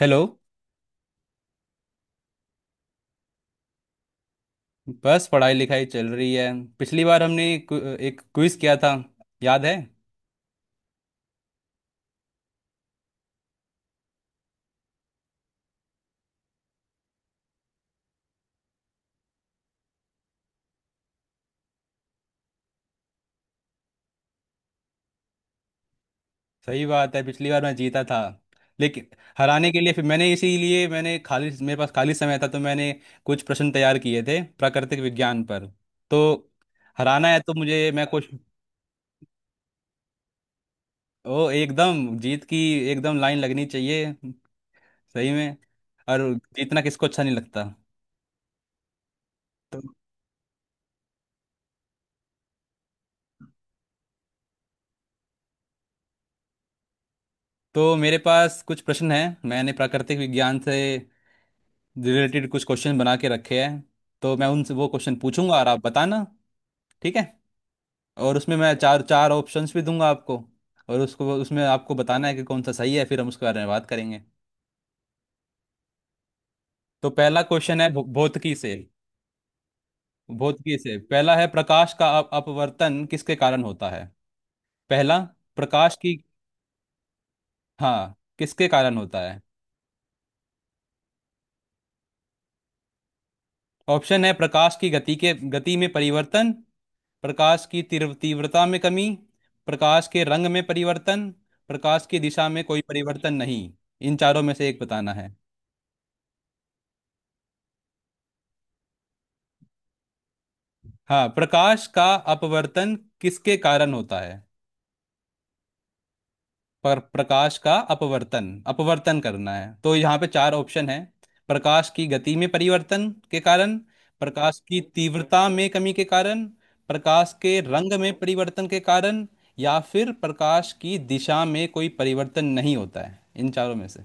Hello. बस पढ़ाई लिखाई चल रही है। पिछली बार हमने एक क्विज किया था, याद है? सही बात है, पिछली बार मैं जीता था। लेकिन हराने के लिए, फिर मैंने, इसीलिए मैंने, खाली मेरे पास खाली समय था तो मैंने कुछ प्रश्न तैयार किए थे प्राकृतिक विज्ञान पर। तो हराना है तो मुझे, मैं कुछ, ओ एकदम जीत की एकदम लाइन लगनी चाहिए सही में। और जीतना किसको अच्छा नहीं लगता। तो तो मेरे पास कुछ प्रश्न हैं, मैंने प्राकृतिक विज्ञान से रिलेटेड कुछ क्वेश्चन बना के रखे हैं। तो मैं उनसे वो क्वेश्चन पूछूंगा और आप बताना। ठीक है। और उसमें मैं चार चार ऑप्शंस भी दूंगा आपको। और उसको उसमें आपको बताना है कि कौन सा सही है, फिर हम उसके बारे में बात करेंगे। तो पहला क्वेश्चन है भौतिकी से। भौतिकी से पहला है, प्रकाश का अपवर्तन किसके कारण होता है? पहला, प्रकाश की। हाँ, किसके कारण होता है? ऑप्शन है, प्रकाश की गति में परिवर्तन। प्रकाश की तीव्रता में कमी। प्रकाश के रंग में परिवर्तन। प्रकाश की दिशा में कोई परिवर्तन नहीं। इन चारों में से एक बताना है। हाँ, प्रकाश का अपवर्तन किसके कारण होता है? पर प्रकाश का अपवर्तन अपवर्तन करना है, तो यहाँ पे चार ऑप्शन है। प्रकाश की गति में परिवर्तन के कारण। प्रकाश की तीव्रता में कमी के कारण। प्रकाश के रंग में परिवर्तन के कारण। या फिर प्रकाश की दिशा में कोई परिवर्तन नहीं होता है, इन चारों में से।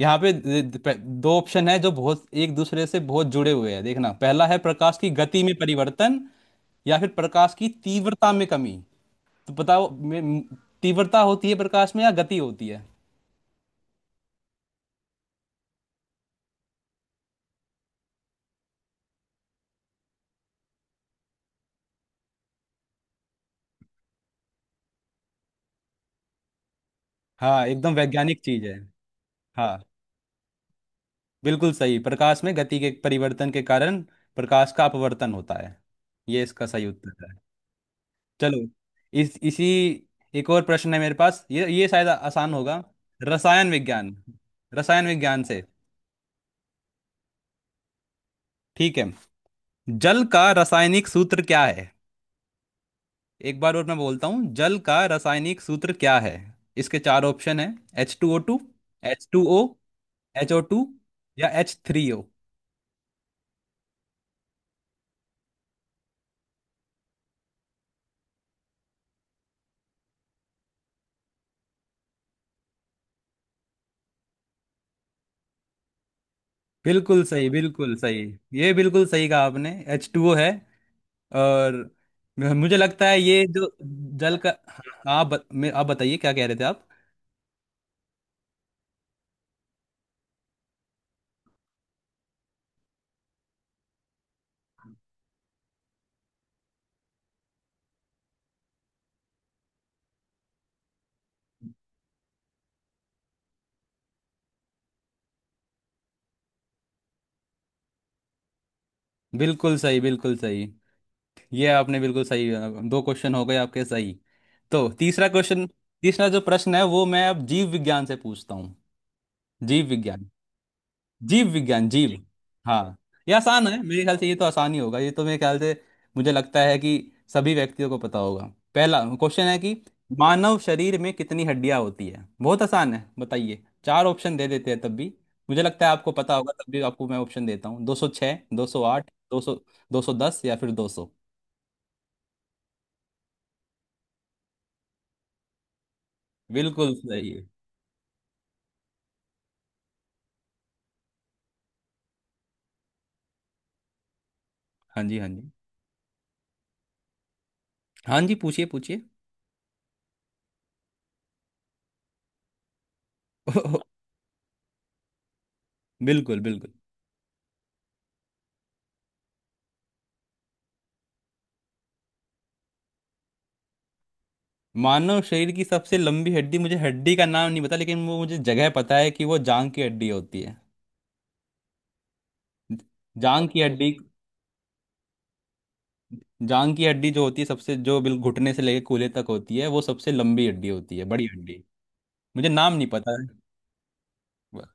यहाँ पे दो ऑप्शन है जो बहुत एक दूसरे से बहुत जुड़े हुए हैं, देखना। पहला है प्रकाश की गति में परिवर्तन या फिर प्रकाश की तीव्रता में कमी। तो बताओ, तीव्रता होती है प्रकाश में या गति होती है? हाँ, एकदम वैज्ञानिक चीज है। हाँ, बिल्कुल सही, प्रकाश में गति के परिवर्तन के कारण प्रकाश का अपवर्तन होता है। ये इसका सही उत्तर है। चलो, इस इसी, एक और प्रश्न है मेरे पास। ये शायद आसान होगा। रसायन विज्ञान। रसायन विज्ञान से। ठीक है, जल का रासायनिक सूत्र क्या है? एक बार और मैं बोलता हूँ, जल का रासायनिक सूत्र क्या है? इसके चार ऑप्शन है। H2O2। H2O। HO2। या H3O। बिल्कुल सही, बिल्कुल सही। ये बिल्कुल सही कहा आपने, H2O है। और मुझे लगता है ये जो जल का, हाँ, आप बताइए क्या कह रहे थे आप। बिल्कुल सही, बिल्कुल सही। ये आपने बिल्कुल सही, दो क्वेश्चन हो गए आपके सही। तो तीसरा क्वेश्चन, तीसरा जो प्रश्न है वो मैं अब जीव विज्ञान से पूछता हूँ। जीव विज्ञान। जीव विज्ञान जीव जी हाँ ये आसान है मेरे ख्याल से, ये तो आसान ही होगा ये तो, मेरे ख्याल से। मुझे लगता है कि सभी व्यक्तियों को पता होगा। पहला क्वेश्चन है कि मानव शरीर में कितनी हड्डियां होती है? बहुत आसान है, बताइए। चार ऑप्शन दे देते हैं तब भी, मुझे लगता है आपको पता होगा तब भी आपको मैं ऑप्शन देता हूँ। 206, 208, 200, 210, या फिर 200। बिल्कुल सही है। हाँ जी, हाँ जी। हाँ जी, पूछिए, पूछिए। बिल्कुल, बिल्कुल। मानव शरीर की सबसे लंबी हड्डी, मुझे हड्डी का नाम नहीं पता लेकिन वो मुझे जगह पता है कि वो जांग की हड्डी होती है। जांग की, अच्छा, हड्डी। जांग की हड्डी जो होती है, सबसे जो बिल घुटने से लेकर कूल्हे तक होती है, वो सबसे लंबी हड्डी होती है, बड़ी हड्डी। मुझे नाम नहीं पता है। ब-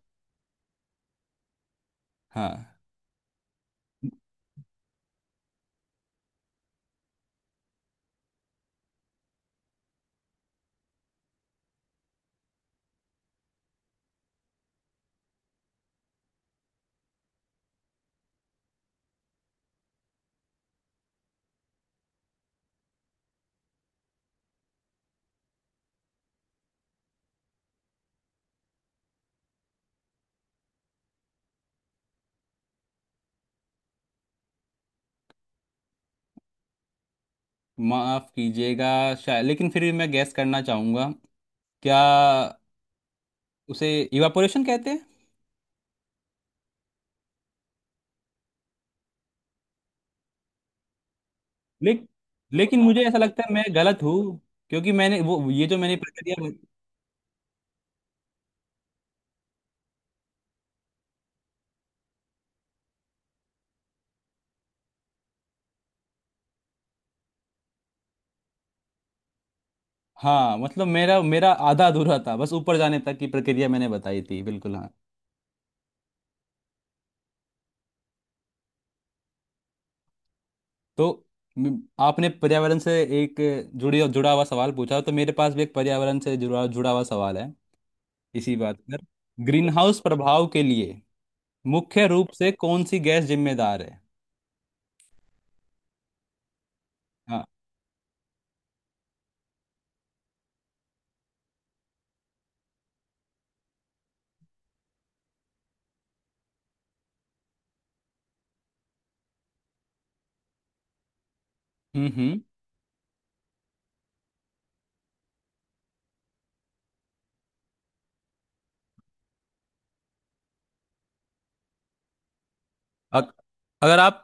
हाँ। माफ कीजिएगा, शायद, लेकिन फिर भी मैं गैस करना चाहूंगा। क्या उसे इवापोरेशन कहते हैं? ले, लेकिन मुझे ऐसा लगता है मैं गलत हूँ, क्योंकि मैंने वो, ये जो मैंने प्रक्रिया, हाँ मतलब मेरा मेरा आधा अधूरा था, बस ऊपर जाने तक की प्रक्रिया मैंने बताई थी, बिल्कुल हाँ। तो म- आपने पर्यावरण से एक जुड़ी जुड़ा हुआ सवाल पूछा, तो मेरे पास भी एक पर्यावरण से जुड़ा जुड़ा हुआ सवाल है इसी बात पर। ग्रीन हाउस प्रभाव के लिए मुख्य रूप से कौन सी गैस जिम्मेदार है? हाँ। हम्म हम्म अग- अगर आप,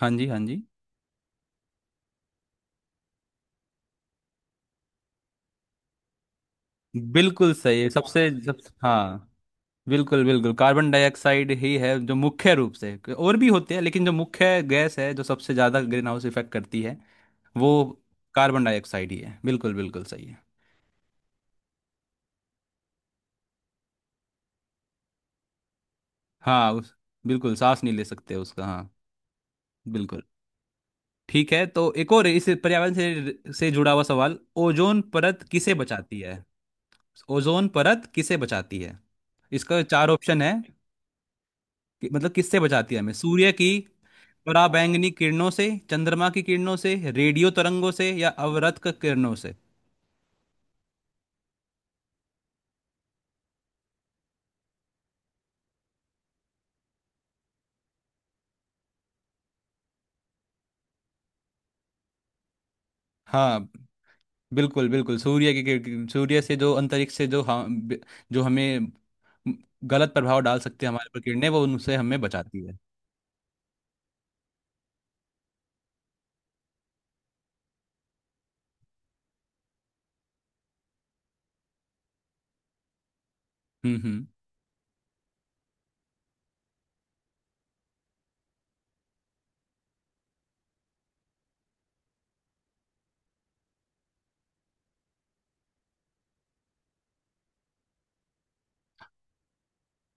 हाँ जी, हाँ जी, बिल्कुल सही है। सबसे सब हाँ, बिल्कुल बिल्कुल, कार्बन डाइऑक्साइड ही है, जो मुख्य रूप से, और भी होते हैं लेकिन जो मुख्य गैस है जो सबसे ज़्यादा ग्रीन हाउस इफेक्ट करती है, वो कार्बन डाइऑक्साइड ही है, बिल्कुल बिल्कुल सही है। हाँ, उस, बिल्कुल सांस नहीं ले सकते उसका, हाँ, बिल्कुल। ठीक है, तो एक और इस पर्यावरण से जुड़ा हुआ सवाल। ओजोन परत किसे बचाती है? ओजोन परत किसे बचाती है? इसका चार ऑप्शन है। मतलब किससे बचाती है हमें, सूर्य की पराबैंगनी किरणों से, चंद्रमा की किरणों से, रेडियो तरंगों से, या अवरक्त किरणों से। हाँ, बिल्कुल बिल्कुल, सूर्य की सूर्य से, जो अंतरिक्ष से जो हम, जो हमें गलत प्रभाव डाल सकते हैं हमारे पर, किरणें, वो उनसे हमें बचाती है। हम्म।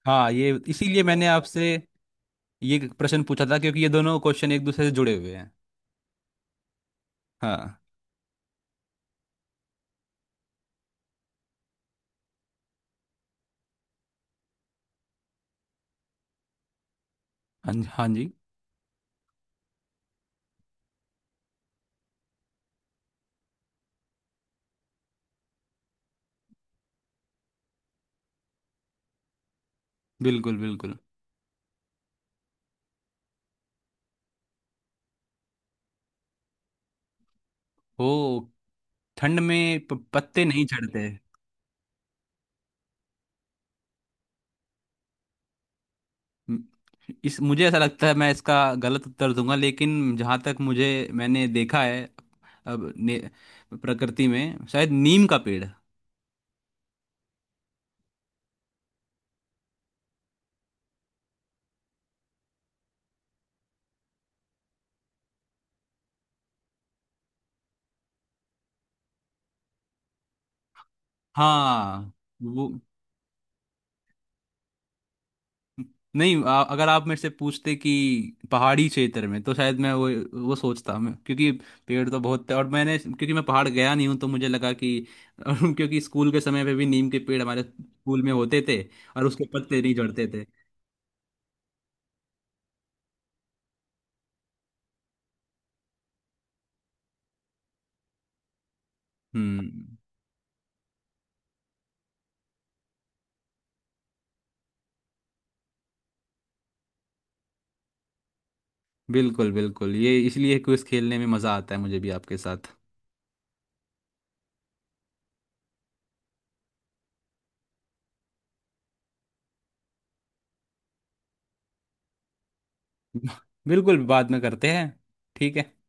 हाँ, ये इसीलिए मैंने आपसे ये प्रश्न पूछा था, क्योंकि ये दोनों क्वेश्चन एक दूसरे से जुड़े हुए हैं। हाँ हाँ जी, हाँ जी। बिल्कुल, बिल्कुल। ओ, ठंड में पत्ते नहीं झड़ते। म- इस, मुझे ऐसा लगता है मैं इसका गलत उत्तर दूंगा, लेकिन जहाँ तक मुझे, मैंने देखा है, अब ने, प्रकृति में, शायद नीम का पेड़। हाँ वो नहीं, आ, अगर आप मेरे से पूछते कि पहाड़ी क्षेत्र में, तो शायद मैं वो सोचता, मैं क्योंकि पेड़ तो बहुत थे, और मैंने क्योंकि मैं पहाड़ गया नहीं हूँ तो मुझे लगा कि, क्योंकि स्कूल के समय पे भी नीम के पेड़ हमारे स्कूल में होते थे और उसके पत्ते नहीं झड़ते थे। हम्म। बिल्कुल बिल्कुल, ये इसलिए क्विज खेलने में मज़ा आता है मुझे भी आपके साथ। बिल्कुल, बाद में करते हैं। ठीक है।